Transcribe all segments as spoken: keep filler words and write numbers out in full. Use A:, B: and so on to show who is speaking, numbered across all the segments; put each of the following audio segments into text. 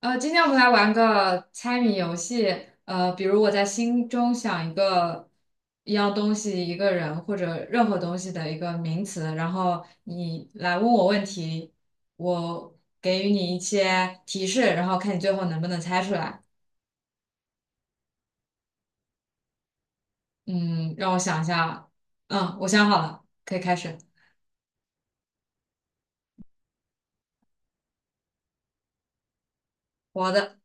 A: 呃，今天我们来玩个猜谜游戏。呃，比如我在心中想一个一样东西、一个人或者任何东西的一个名词，然后你来问我问题，我给予你一些提示，然后看你最后能不能猜出来。嗯，让我想一下。嗯，我想好了，可以开始。活的，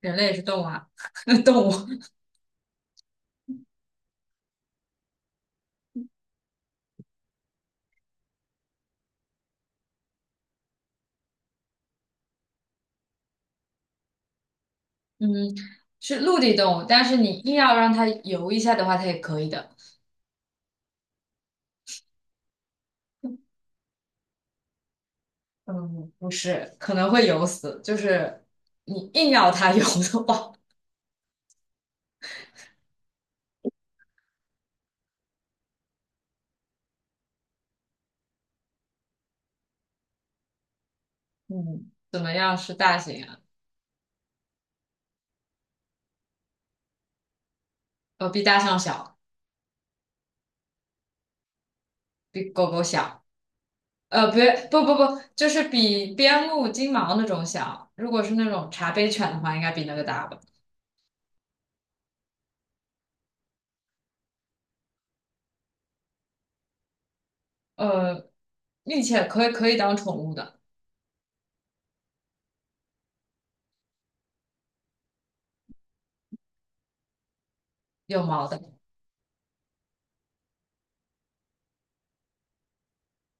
A: 人类也是动物啊，动物。嗯，是陆地动物，但是你硬要让它游一下的话，它也可以的。嗯，不是，可能会游死，就是你硬要它游的话，嗯，怎么样是大型啊？呃，比大象小，比狗狗小，呃，别，不不不，就是比边牧、金毛那种小。如果是那种茶杯犬的话，应该比那个大吧？呃，并且可以可以当宠物的，有毛的。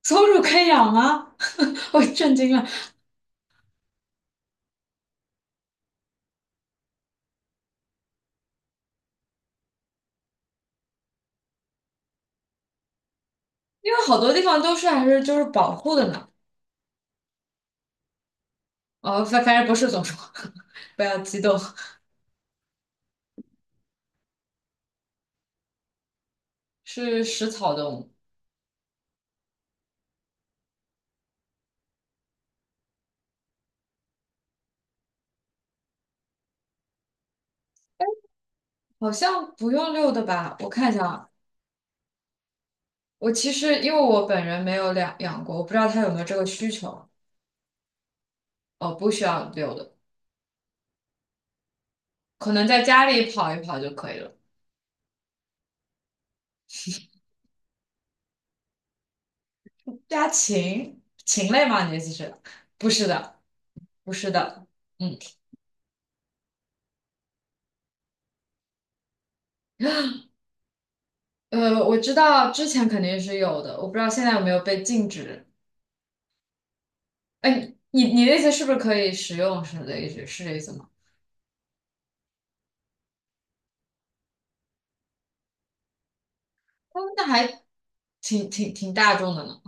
A: 松鼠可以养吗？我震惊了，因为好多地方都是还是就是保护的呢。哦，反反正不是松鼠，不要激动，是食草动物。好像不用遛的吧？我看一下啊，我其实因为我本人没有养养过，我不知道他有没有这个需求。哦，不需要遛的，可能在家里跑一跑就可以了。家禽禽类吗？你的意思是？不是的，不是的。嗯，呃，我知道之前肯定是有的，我不知道现在有没有被禁止。哎，你你的意思是不是可以食用？是的意思是这意思吗？哦，那还挺挺挺大众的呢，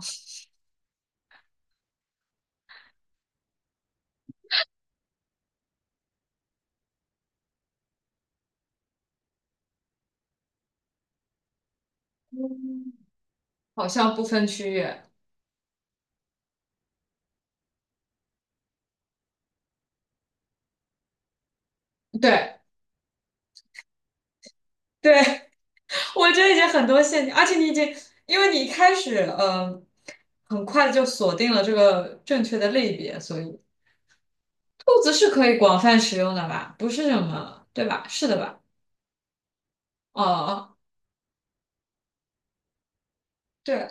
A: 好像不分区域。对对，我觉得已经很多陷阱，而且你已经，因为你一开始呃，很快就锁定了这个正确的类别，所以兔子是可以广泛使用的吧？不是什么，对吧？是的吧？哦，对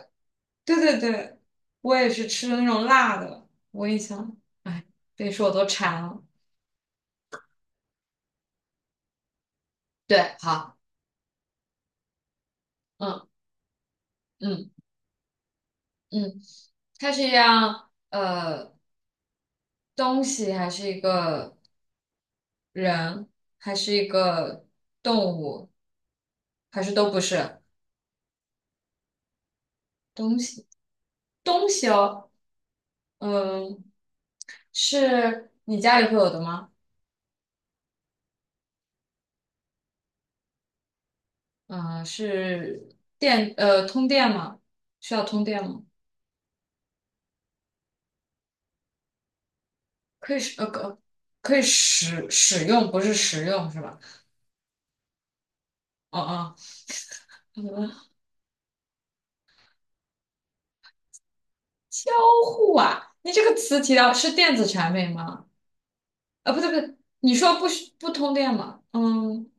A: 对对对，我也是吃的那种辣的，我印象，哎，别说我都馋了。对，好，嗯嗯嗯，它是一样呃东西，还是一个人，还是一个动物，还是都不是？东西东西哦，嗯，是你家里会有的吗？嗯，是电呃通电吗？需要通电吗？可以使呃可可以使使用，不是食用是吧？哦哦，好的交互啊，你这个词提到是电子产品吗？啊，不对不对，你说不需不通电吗？嗯，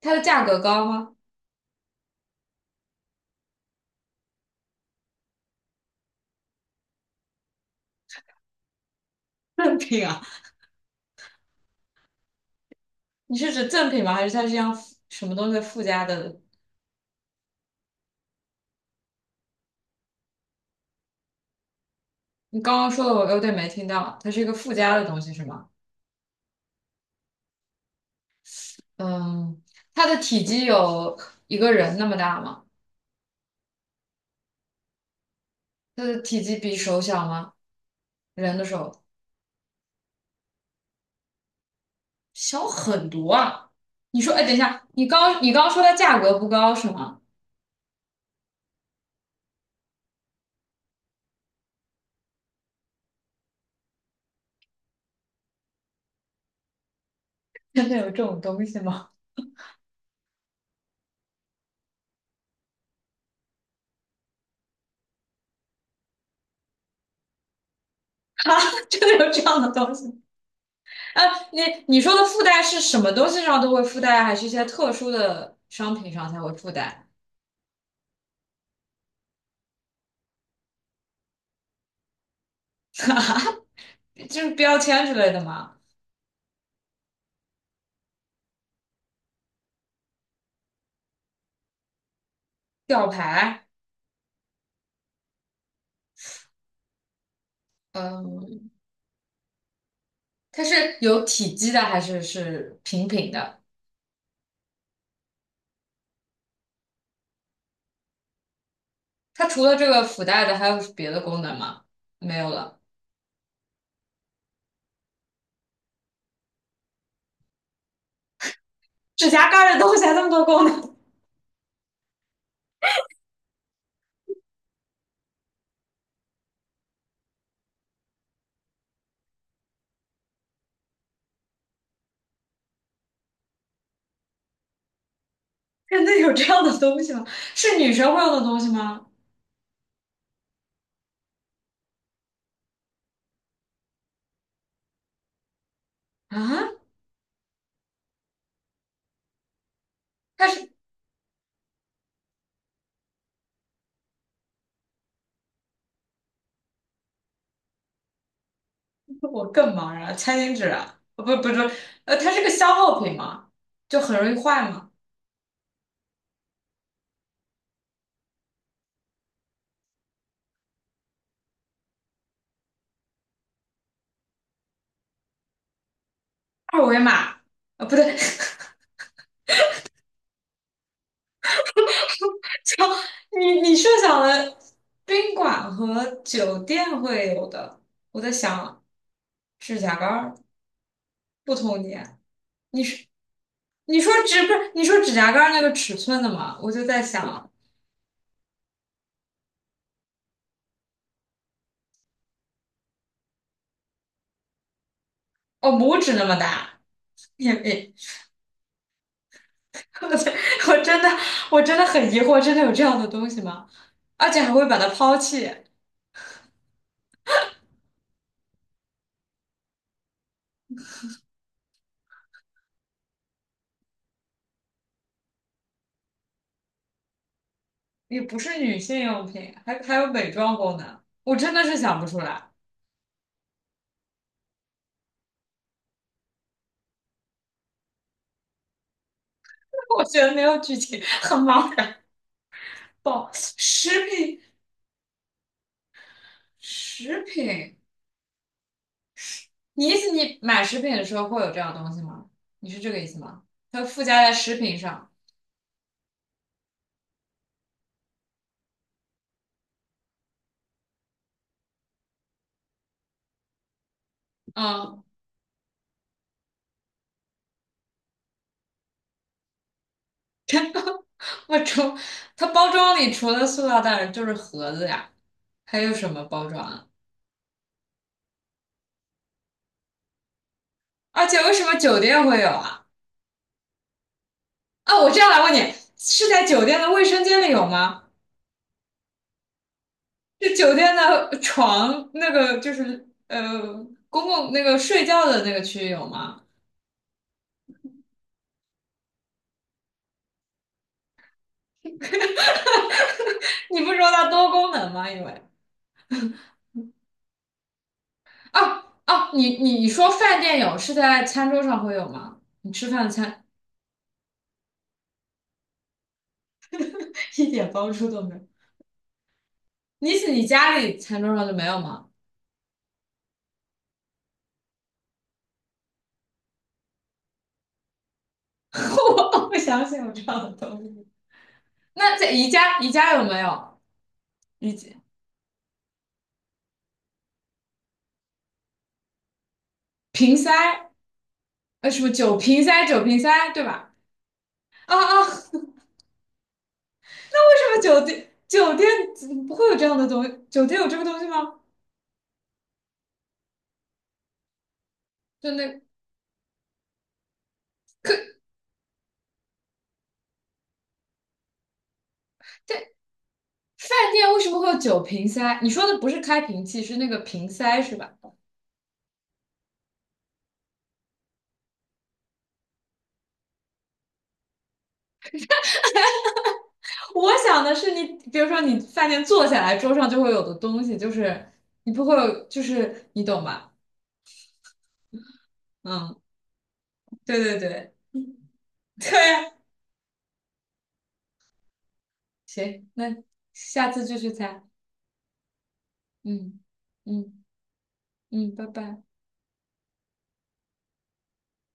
A: 它的价格高吗？赠品啊，你是指赠品吗？还是它是一样附什么东西附加的你刚刚说的我有点没听到，它是一个附加的东西是吗？嗯，它的体积有一个人那么大吗？它的体积比手小吗？人的手小很多啊。你说，哎，等一下，你刚你刚说它价格不高是吗？真的有这种东西吗？啊，真的有这样的东西？啊，你你说的附带是什么东西上都会附带，还是一些特殊的商品上才会附带？就是标签之类的吗？吊牌？嗯、它是有体积的还是是平平的？它除了这个附带的，还有别的功能吗？没有了。指甲盖儿的东西还那么多功能，真的有这样的东西吗？是女生会用的东西吗？啊，它是我更茫然了餐巾纸啊，呃不不不，呃，它是个消耗品吗？就很容易坏嘛。二维码，啊，不对，就你你设想的宾馆和酒店会有的，我在想指甲盖儿不同年，你是你说指不是你说指甲盖儿那个尺寸的吗？我就在想，哦，拇指那么大，也也，我在我真的我真的很疑惑，真的有这样的东西吗？而且还会把它抛弃，也不是女性用品，还还有美妆功能，我真的是想不出来，我觉得没有剧情，很茫然。宝，食品食品，你意思你买食品的时候会有这样的东西吗？你是这个意思吗？它附加在食品上，嗯。我除它包装里除了塑料袋就是盒子呀，还有什么包装啊？而且为什么酒店会有啊？啊，我这样来问你，是在酒店的卫生间里有吗？是酒店的床那个就是呃公共那个睡觉的那个区域有吗？你不说它多功能吗？因为啊啊，你你说饭店有是在餐桌上会有吗？你吃饭的餐 一点帮助都没有，你你家里餐桌上就没有吗？我不相信有这样的东西。那在宜家，宜家有没有？宜家瓶塞，呃，什么酒瓶塞、酒瓶塞，对吧？啊啊，为什么酒店酒店不会有这样的东西？酒店有这个东西吗？就那对饭店为什么会有酒瓶塞？你说的不是开瓶器，是那个瓶塞是吧？我想的是你，比如说你饭店坐下来，桌上就会有的东西，就是你不会有，就是你懂吧？嗯，对对对 对啊，行，那下次继续猜，嗯嗯嗯，拜拜。